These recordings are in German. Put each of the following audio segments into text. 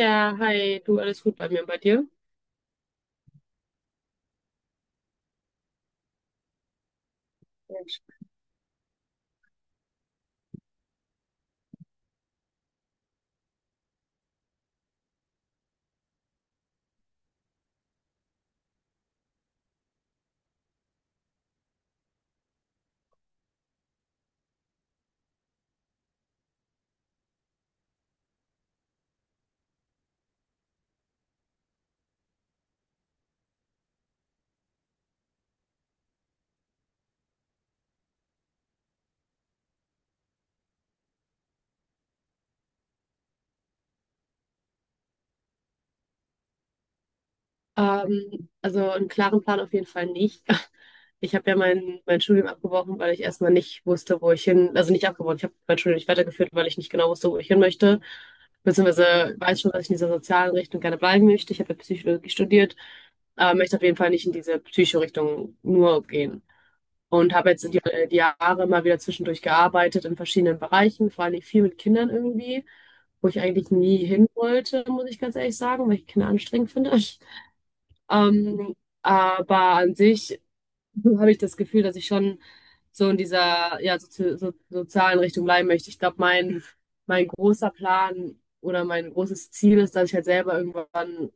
Ja, hi, du, alles gut bei mir und bei dir? Also einen klaren Plan auf jeden Fall nicht. Ich habe ja mein Studium abgebrochen, weil ich erstmal nicht wusste, wo ich hin, also nicht abgebrochen, ich habe mein Studium nicht weitergeführt, weil ich nicht genau wusste, wo ich hin möchte. Beziehungsweise weiß schon, dass ich in dieser sozialen Richtung gerne bleiben möchte. Ich habe ja Psychologie studiert, aber möchte auf jeden Fall nicht in diese Psycho-Richtung nur gehen. Und habe jetzt die Jahre immer wieder zwischendurch gearbeitet in verschiedenen Bereichen, vor allem viel mit Kindern irgendwie, wo ich eigentlich nie hin wollte, muss ich ganz ehrlich sagen, weil ich Kinder anstrengend finde. Ähm, aber an sich habe ich das Gefühl, dass ich schon so in dieser ja, sozialen Richtung bleiben möchte. Ich glaube, mein großer Plan oder mein großes Ziel ist, dass ich halt selber irgendwann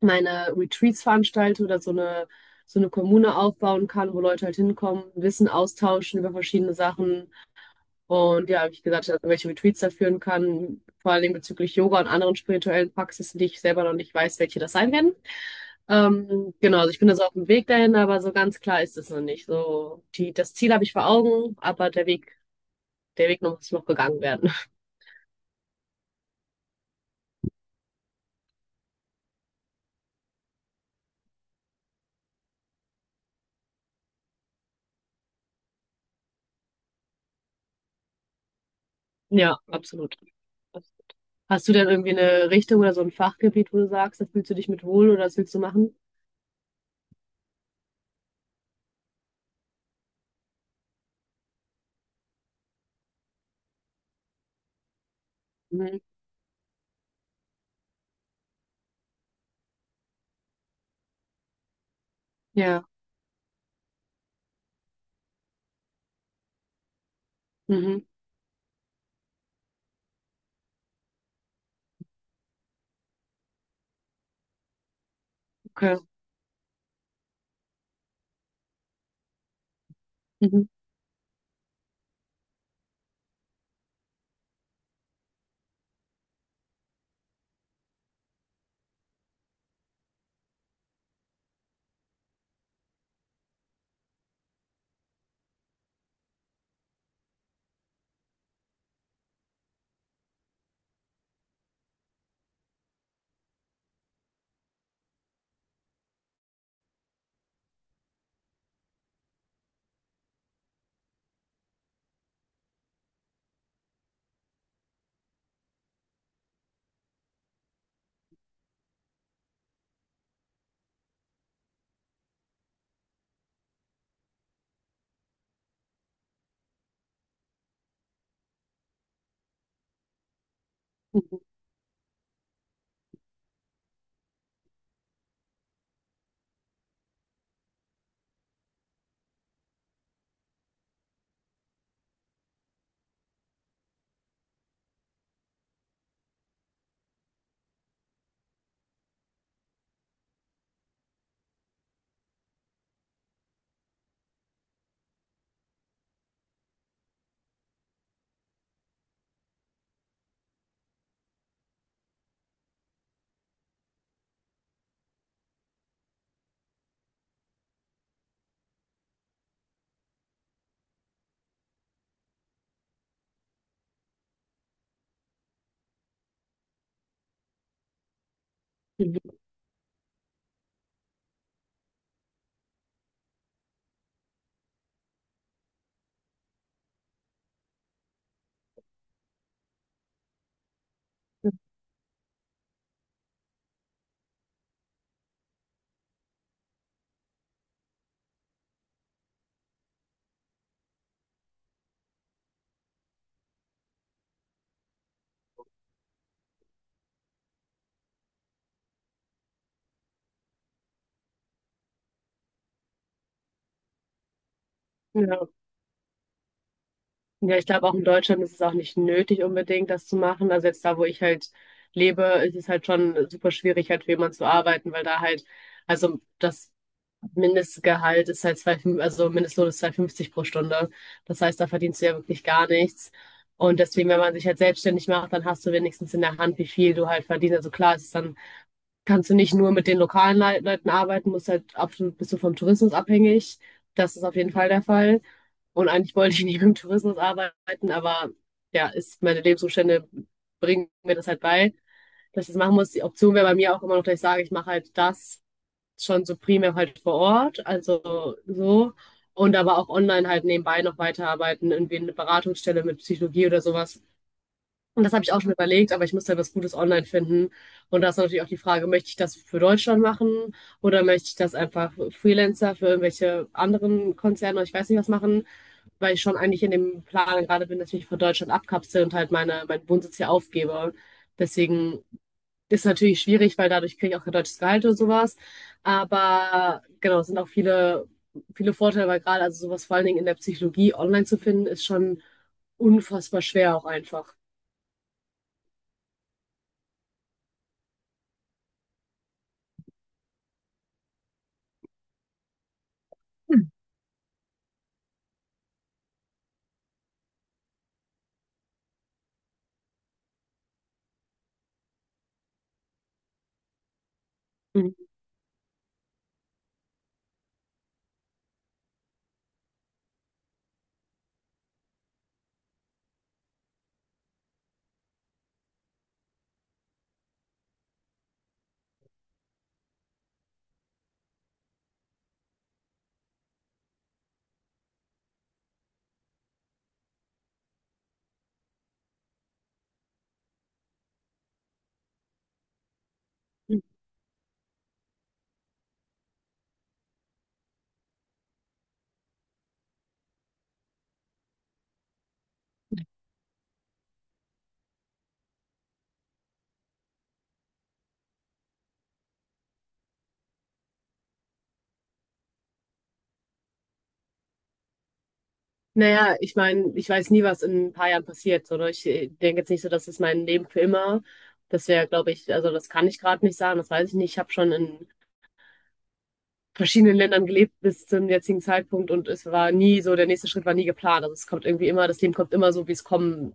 meine Retreats veranstalte oder so eine Kommune aufbauen kann, wo Leute halt hinkommen, Wissen austauschen über verschiedene Sachen. Und ja, wie ich gesagt, habe, welche Retreats da führen kann, vor allem bezüglich Yoga und anderen spirituellen Praxisen, die ich selber noch nicht weiß, welche das sein werden. Genau, also ich bin also auf dem Weg dahin, aber so ganz klar ist es noch nicht. So, das Ziel habe ich vor Augen, aber der Weg noch, muss noch gegangen werden. Ja, absolut. Hast du denn irgendwie eine Richtung oder so ein Fachgebiet, wo du sagst, da fühlst du dich mit wohl oder das willst du machen? Mhm. Ja, mhm, okay. Mhm. Mhm. Mhm. Ja. Ja, ich glaube, auch in Deutschland ist es auch nicht nötig, unbedingt das zu machen. Also jetzt da, wo ich halt lebe, ist es halt schon super schwierig, halt für jemanden zu arbeiten, weil da halt, also das Mindestgehalt ist halt zwei, also Mindestlohn ist 2,50 pro Stunde. Das heißt, da verdienst du ja wirklich gar nichts. Und deswegen, wenn man sich halt selbstständig macht, dann hast du wenigstens in der Hand, wie viel du halt verdienst. Also klar, es ist dann kannst du nicht nur mit den lokalen Le Leuten arbeiten, musst halt absolut bist du vom Tourismus abhängig. Das ist auf jeden Fall der Fall. Und eigentlich wollte ich nicht mit dem Tourismus arbeiten, aber ja, ist meine Lebensumstände bringen mir das halt bei, dass ich das machen muss. Die Option wäre bei mir auch immer noch, dass ich sage, ich mache halt das schon so primär halt vor Ort, also so. Und aber auch online halt nebenbei noch weiterarbeiten, irgendwie eine Beratungsstelle mit Psychologie oder sowas. Und das habe ich auch schon überlegt, aber ich muss halt was Gutes online finden. Und da ist natürlich auch die Frage, möchte ich das für Deutschland machen oder möchte ich das einfach für Freelancer für irgendwelche anderen Konzerne, oder ich weiß nicht was machen, weil ich schon eigentlich in dem Plan gerade bin, dass ich mich von Deutschland abkapsel und halt meine, meinen Wohnsitz hier aufgebe. Deswegen ist es natürlich schwierig, weil dadurch kriege ich auch kein deutsches Gehalt oder sowas. Aber genau, es sind auch viele, viele Vorteile, weil gerade also sowas vor allen Dingen in der Psychologie online zu finden, ist schon unfassbar schwer auch einfach. Mhm. Naja, ich meine, ich weiß nie, was in ein paar Jahren passiert. So, ne? Ich denke jetzt nicht so, das ist mein Leben für immer. Das wäre, glaube ich, also das kann ich gerade nicht sagen, das weiß ich nicht. Ich habe schon in verschiedenen Ländern gelebt bis zum jetzigen Zeitpunkt und es war nie so, der nächste Schritt war nie geplant. Also es kommt irgendwie immer, das Leben kommt immer so, wie es kommen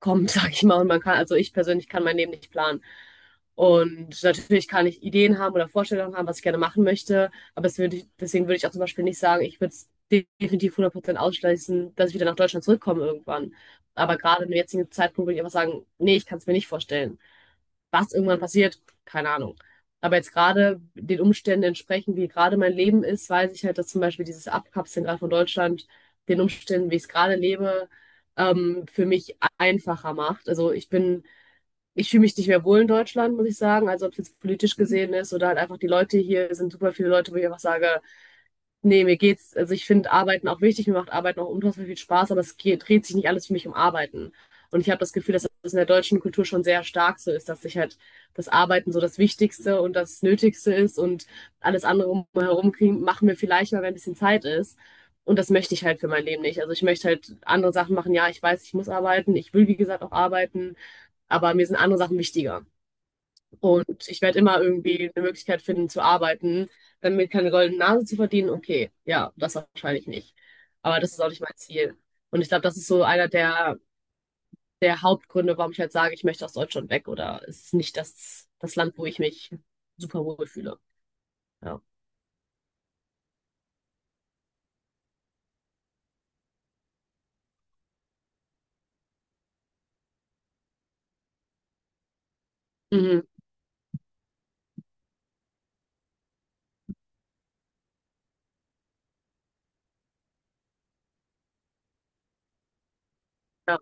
kommt, sag ich mal. Und man kann, also ich persönlich kann mein Leben nicht planen. Und natürlich kann ich Ideen haben oder Vorstellungen haben, was ich gerne machen möchte. Aber es würde ich, deswegen würde ich auch zum Beispiel nicht sagen, ich würde es definitiv 100% ausschließen, dass ich wieder nach Deutschland zurückkomme irgendwann. Aber gerade im jetzigen Zeitpunkt würde ich einfach sagen, nee, ich kann es mir nicht vorstellen. Was irgendwann passiert, keine Ahnung. Aber jetzt gerade den Umständen entsprechend, wie gerade mein Leben ist, weiß ich halt, dass zum Beispiel dieses Abkapseln gerade von Deutschland den Umständen, wie ich es gerade lebe, für mich einfacher macht. Also ich bin, ich fühle mich nicht mehr wohl in Deutschland, muss ich sagen. Also ob es jetzt politisch gesehen ist oder halt einfach die Leute hier sind super viele Leute, wo ich einfach sage, nee, mir geht's, also ich finde Arbeiten auch wichtig, mir macht Arbeiten auch unfassbar viel Spaß, aber es geht, dreht sich nicht alles für mich um Arbeiten. Und ich habe das Gefühl, dass das in der deutschen Kultur schon sehr stark so ist, dass sich halt das Arbeiten so das Wichtigste und das Nötigste ist und alles andere umherum kriegen, machen wir vielleicht mal, wenn ein bisschen Zeit ist. Und das möchte ich halt für mein Leben nicht. Also ich möchte halt andere Sachen machen. Ja, ich weiß, ich muss arbeiten. Ich will, wie gesagt, auch arbeiten, aber mir sind andere Sachen wichtiger. Und ich werde immer irgendwie eine Möglichkeit finden zu arbeiten, dann mir keine goldene Nase zu verdienen. Okay, ja, das wahrscheinlich nicht. Aber das ist auch nicht mein Ziel. Und ich glaube, das ist so einer der, der Hauptgründe, warum ich halt sage, ich möchte aus Deutschland weg oder es ist nicht das Land, wo ich mich super wohl fühle. Ja. Mhm, ja,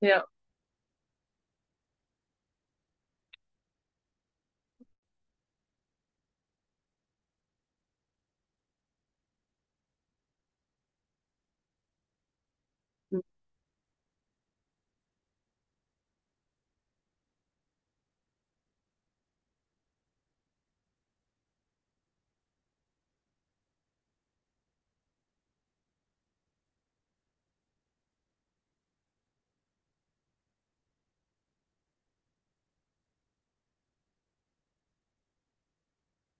ja.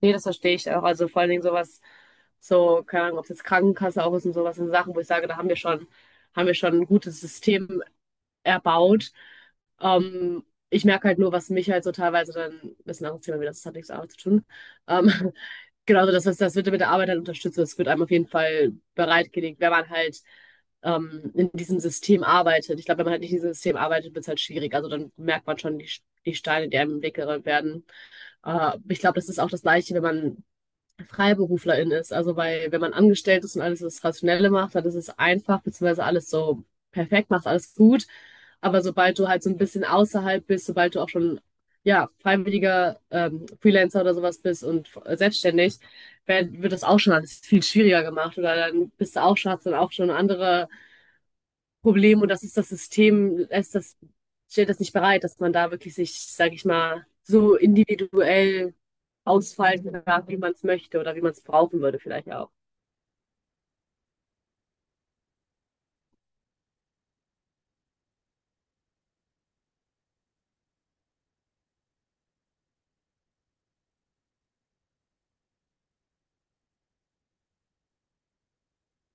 Nee, das verstehe ich auch. Also vor allen Dingen sowas, so, keine Ahnung, ob es jetzt Krankenkasse auch ist und sowas, sind Sachen, wo ich sage, da haben wir schon ein gutes System erbaut. Ähm, ich merke halt nur, was mich halt so teilweise dann, das ist ein anderes Thema, wieder, das hat nichts mit Arbeit zu tun. Ähm, genau, so das, das wird mit der Arbeit dann unterstützt. Das wird einem auf jeden Fall bereitgelegt, wenn man halt in diesem System arbeitet. Ich glaube, wenn man halt nicht in diesem System arbeitet, wird es halt schwierig. Also dann merkt man schon die Steine, die einem im Weg gerollt werden. Ich glaube, das ist auch das Gleiche, wenn man Freiberuflerin ist. Also weil wenn man angestellt ist und alles das Rationelle macht, dann ist es einfach, beziehungsweise alles so perfekt, machst alles gut. Aber sobald du halt so ein bisschen außerhalb bist, sobald du auch schon ja, freiwilliger Freelancer oder sowas bist und selbstständig, wird das auch schon alles viel schwieriger gemacht. Oder dann bist du auch schon, hast dann auch schon andere Problem und das ist das System, lässt das, stellt das nicht bereit, dass man da wirklich sich, sage ich mal, so individuell ausfalten darf, wie man es möchte oder wie man es brauchen würde vielleicht auch.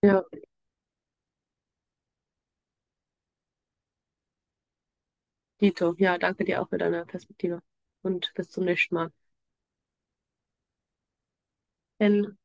Ja, Dito, ja, danke dir auch für deine Perspektive und bis zum nächsten Mal. Denn